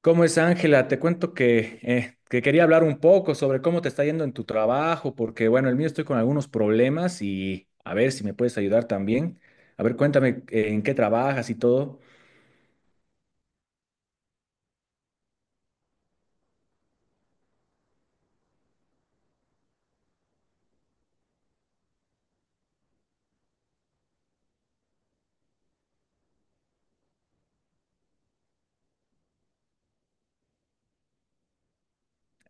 ¿Cómo es, Ángela? Te cuento que quería hablar un poco sobre cómo te está yendo en tu trabajo, porque bueno, el mío estoy con algunos problemas y a ver si me puedes ayudar también. A ver, cuéntame en qué trabajas y todo.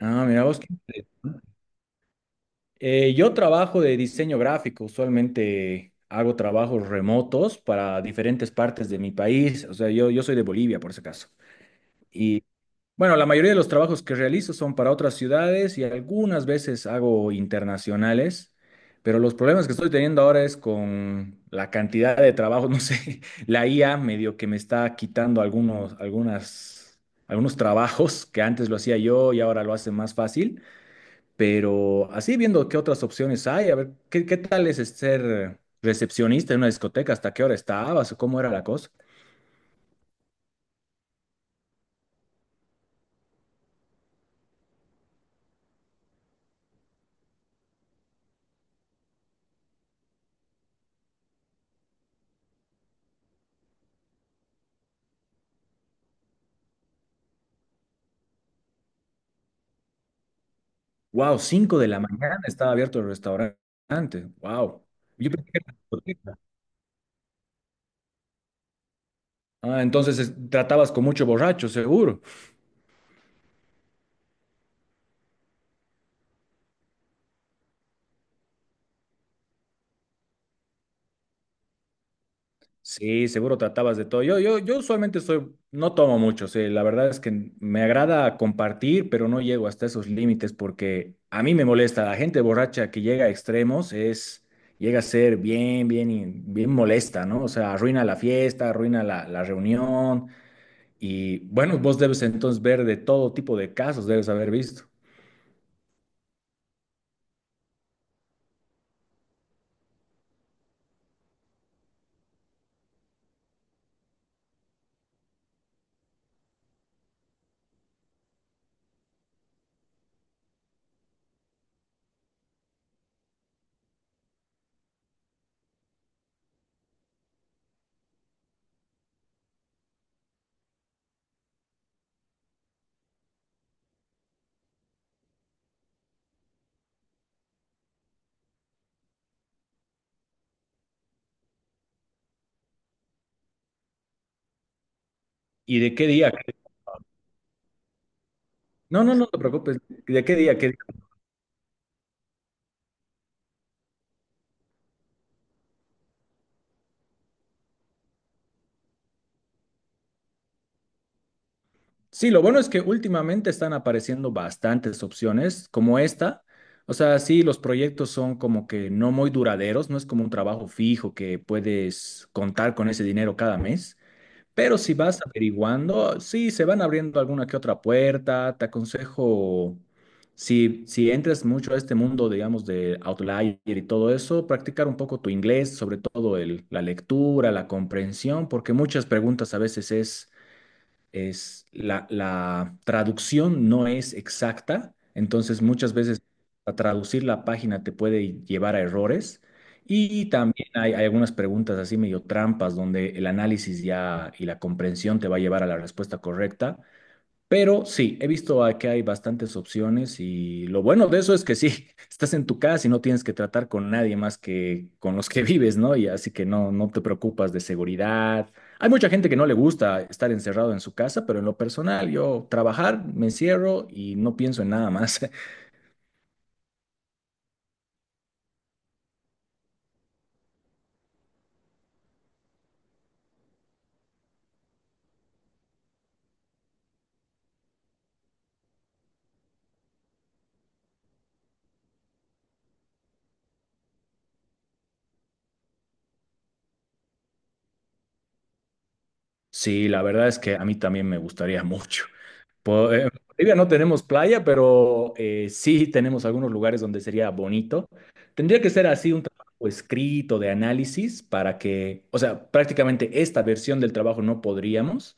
Ah, mira vos. Yo trabajo de diseño gráfico, usualmente hago trabajos remotos para diferentes partes de mi país, o sea, yo soy de Bolivia por ese caso. Bueno, la mayoría de los trabajos que realizo son para otras ciudades y algunas veces hago internacionales, pero los problemas que estoy teniendo ahora es con la cantidad de trabajo, no sé, la IA medio que me está quitando algunos trabajos que antes lo hacía yo y ahora lo hace más fácil, pero así viendo qué otras opciones hay, a ver, ¿qué tal es ser recepcionista en una discoteca? ¿Hasta qué hora estabas o cómo era la cosa? Wow, 5 de la mañana estaba abierto el restaurante. Wow. Yo pensé que porque- ah, entonces tratabas con mucho borracho, seguro. Sí, seguro tratabas de todo. Yo usualmente soy, no tomo mucho, sí, la verdad es que me agrada compartir, pero no llego hasta esos límites porque a mí me molesta. La gente borracha que llega a extremos es, llega a ser bien molesta, ¿no? O sea, arruina la fiesta, arruina la reunión. Y bueno, vos debes entonces ver de todo tipo de casos, debes haber visto. ¿Y de qué día? No, no, no te preocupes. ¿De qué día? ¿Qué día? Sí, lo bueno es que últimamente están apareciendo bastantes opciones como esta. O sea, sí, los proyectos son como que no muy duraderos, no es como un trabajo fijo que puedes contar con ese dinero cada mes. Pero si vas averiguando, sí, se van abriendo alguna que otra puerta. Te aconsejo, si entras mucho a este mundo, digamos, de Outlier y todo eso, practicar un poco tu inglés, sobre todo la lectura, la comprensión, porque muchas preguntas a veces es la traducción no es exacta, entonces muchas veces a traducir la página te puede llevar a errores y también hay algunas preguntas así medio trampas donde el análisis ya y la comprensión te va a llevar a la respuesta correcta, pero sí, he visto a que hay bastantes opciones y lo bueno de eso es que sí, estás en tu casa y no tienes que tratar con nadie más que con los que vives, ¿no? Y así que no, no te preocupas de seguridad. Hay mucha gente que no le gusta estar encerrado en su casa, pero en lo personal, yo trabajar, me encierro y no pienso en nada más. Sí, la verdad es que a mí también me gustaría mucho. En Bolivia no tenemos playa, pero sí tenemos algunos lugares donde sería bonito. Tendría que ser así un trabajo escrito de análisis para que, o sea, prácticamente esta versión del trabajo no podríamos,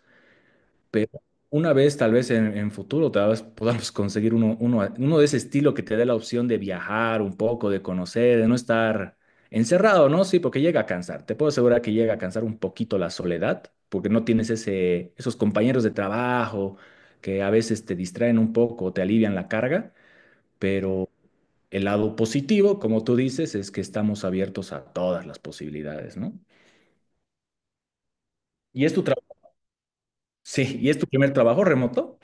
pero una vez, tal vez en futuro, tal vez podamos conseguir uno de ese estilo que te dé la opción de viajar un poco, de conocer, de no estar encerrado, ¿no? Sí, porque llega a cansar. Te puedo asegurar que llega a cansar un poquito la soledad, porque no tienes esos compañeros de trabajo que a veces te distraen un poco, te alivian la carga, pero el lado positivo, como tú dices, es que estamos abiertos a todas las posibilidades, ¿no? ¿Y es tu trabajo? Sí, ¿y es tu primer trabajo remoto?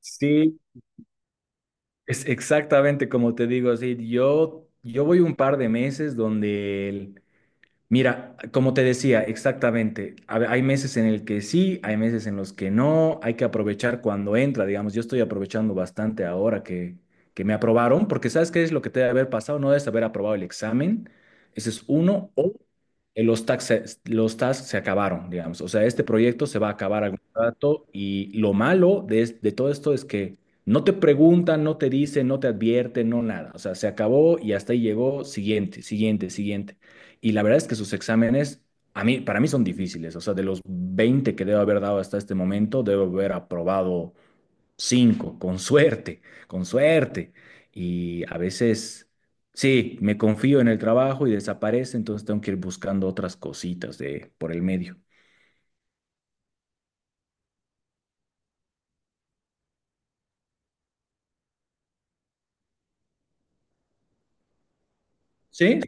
Sí, es exactamente como te digo, así, yo voy un par de meses donde mira, como te decía, exactamente, hay meses en el que sí, hay meses en los que no, hay que aprovechar cuando entra, digamos, yo estoy aprovechando bastante ahora que me aprobaron, porque ¿sabes qué es lo que te debe haber pasado? No debes haber aprobado el examen, ese es uno, o los tasks se acabaron, digamos, o sea, este proyecto se va a acabar algún rato y lo malo de todo esto es que no te preguntan, no te dicen, no te advierten, no nada, o sea, se acabó y hasta ahí llegó, siguiente, siguiente, siguiente. Y la verdad es que sus exámenes, para mí son difíciles. O sea, de los 20 que debo haber dado hasta este momento, debo haber aprobado 5 con suerte, con suerte. Y a veces, sí, me confío en el trabajo y desaparece, entonces tengo que ir buscando otras cositas por el medio. Sí,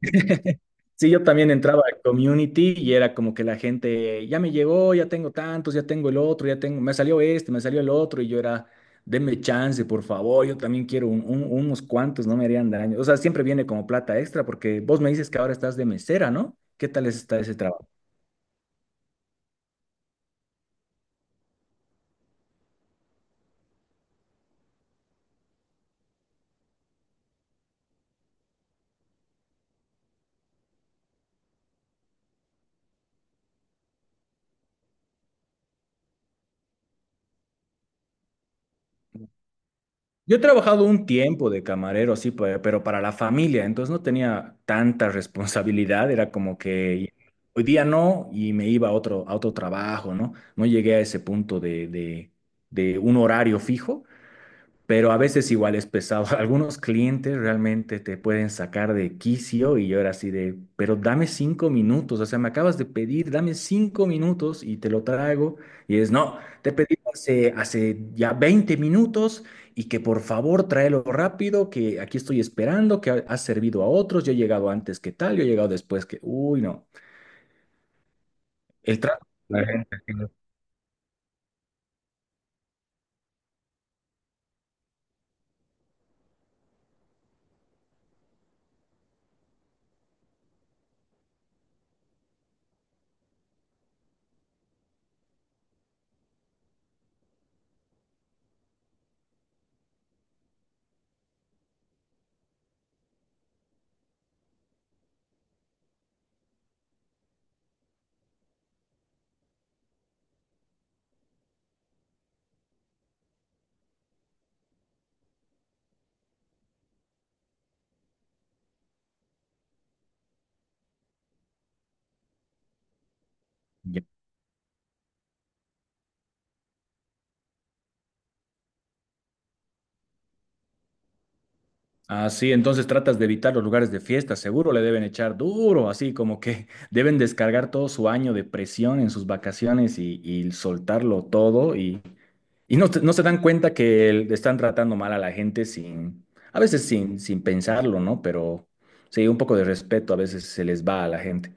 sí, yo también entraba a community y era como que la gente, ya me llegó, ya tengo tantos, ya tengo el otro, ya tengo, me salió este, me salió el otro, y yo era, denme chance, por favor, yo también quiero unos cuantos, no me harían daño. O sea, siempre viene como plata extra, porque vos me dices que ahora estás de mesera, ¿no? ¿Qué tal está ese trabajo? Yo he trabajado un tiempo de camarero, sí, pero para la familia, entonces no tenía tanta responsabilidad, era como que hoy día no y me iba a otro trabajo, ¿no? No llegué a ese punto de un horario fijo, pero a veces igual es pesado. Algunos clientes realmente te pueden sacar de quicio y yo era así de, pero dame 5 minutos, o sea, me acabas de pedir, dame 5 minutos y te lo traigo. Y es, no, te pedí hace ya 20 minutos y que por favor tráelo rápido, que aquí estoy esperando, has servido a otros, yo he llegado antes que tal, yo he llegado después que, uy, no. El trato. Ah, sí, entonces tratas de evitar los lugares de fiesta, seguro le deben echar duro, así como que deben descargar todo su año de presión en sus vacaciones y soltarlo todo y no, no se dan cuenta que están tratando mal a la gente sin, a veces sin pensarlo, ¿no? Pero sí, un poco de respeto a veces se les va a la gente.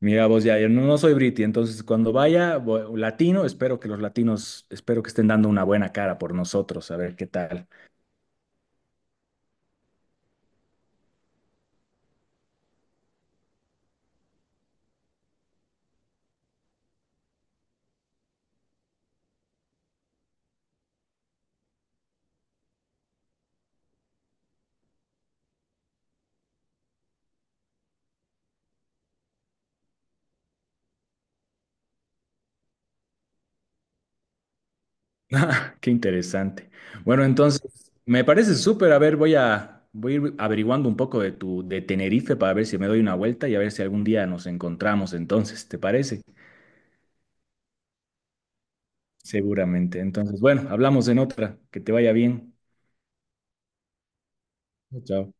Mira vos, ya, yo no, no soy briti, entonces cuando vaya latino, espero que los latinos, espero que estén dando una buena cara por nosotros, a ver qué tal. Ah, qué interesante. Bueno, entonces, me parece súper. A ver, voy a ir averiguando un poco de Tenerife para ver si me doy una vuelta y a ver si algún día nos encontramos. Entonces, ¿te parece? Seguramente. Entonces, bueno, hablamos en otra. Que te vaya bien. Chao.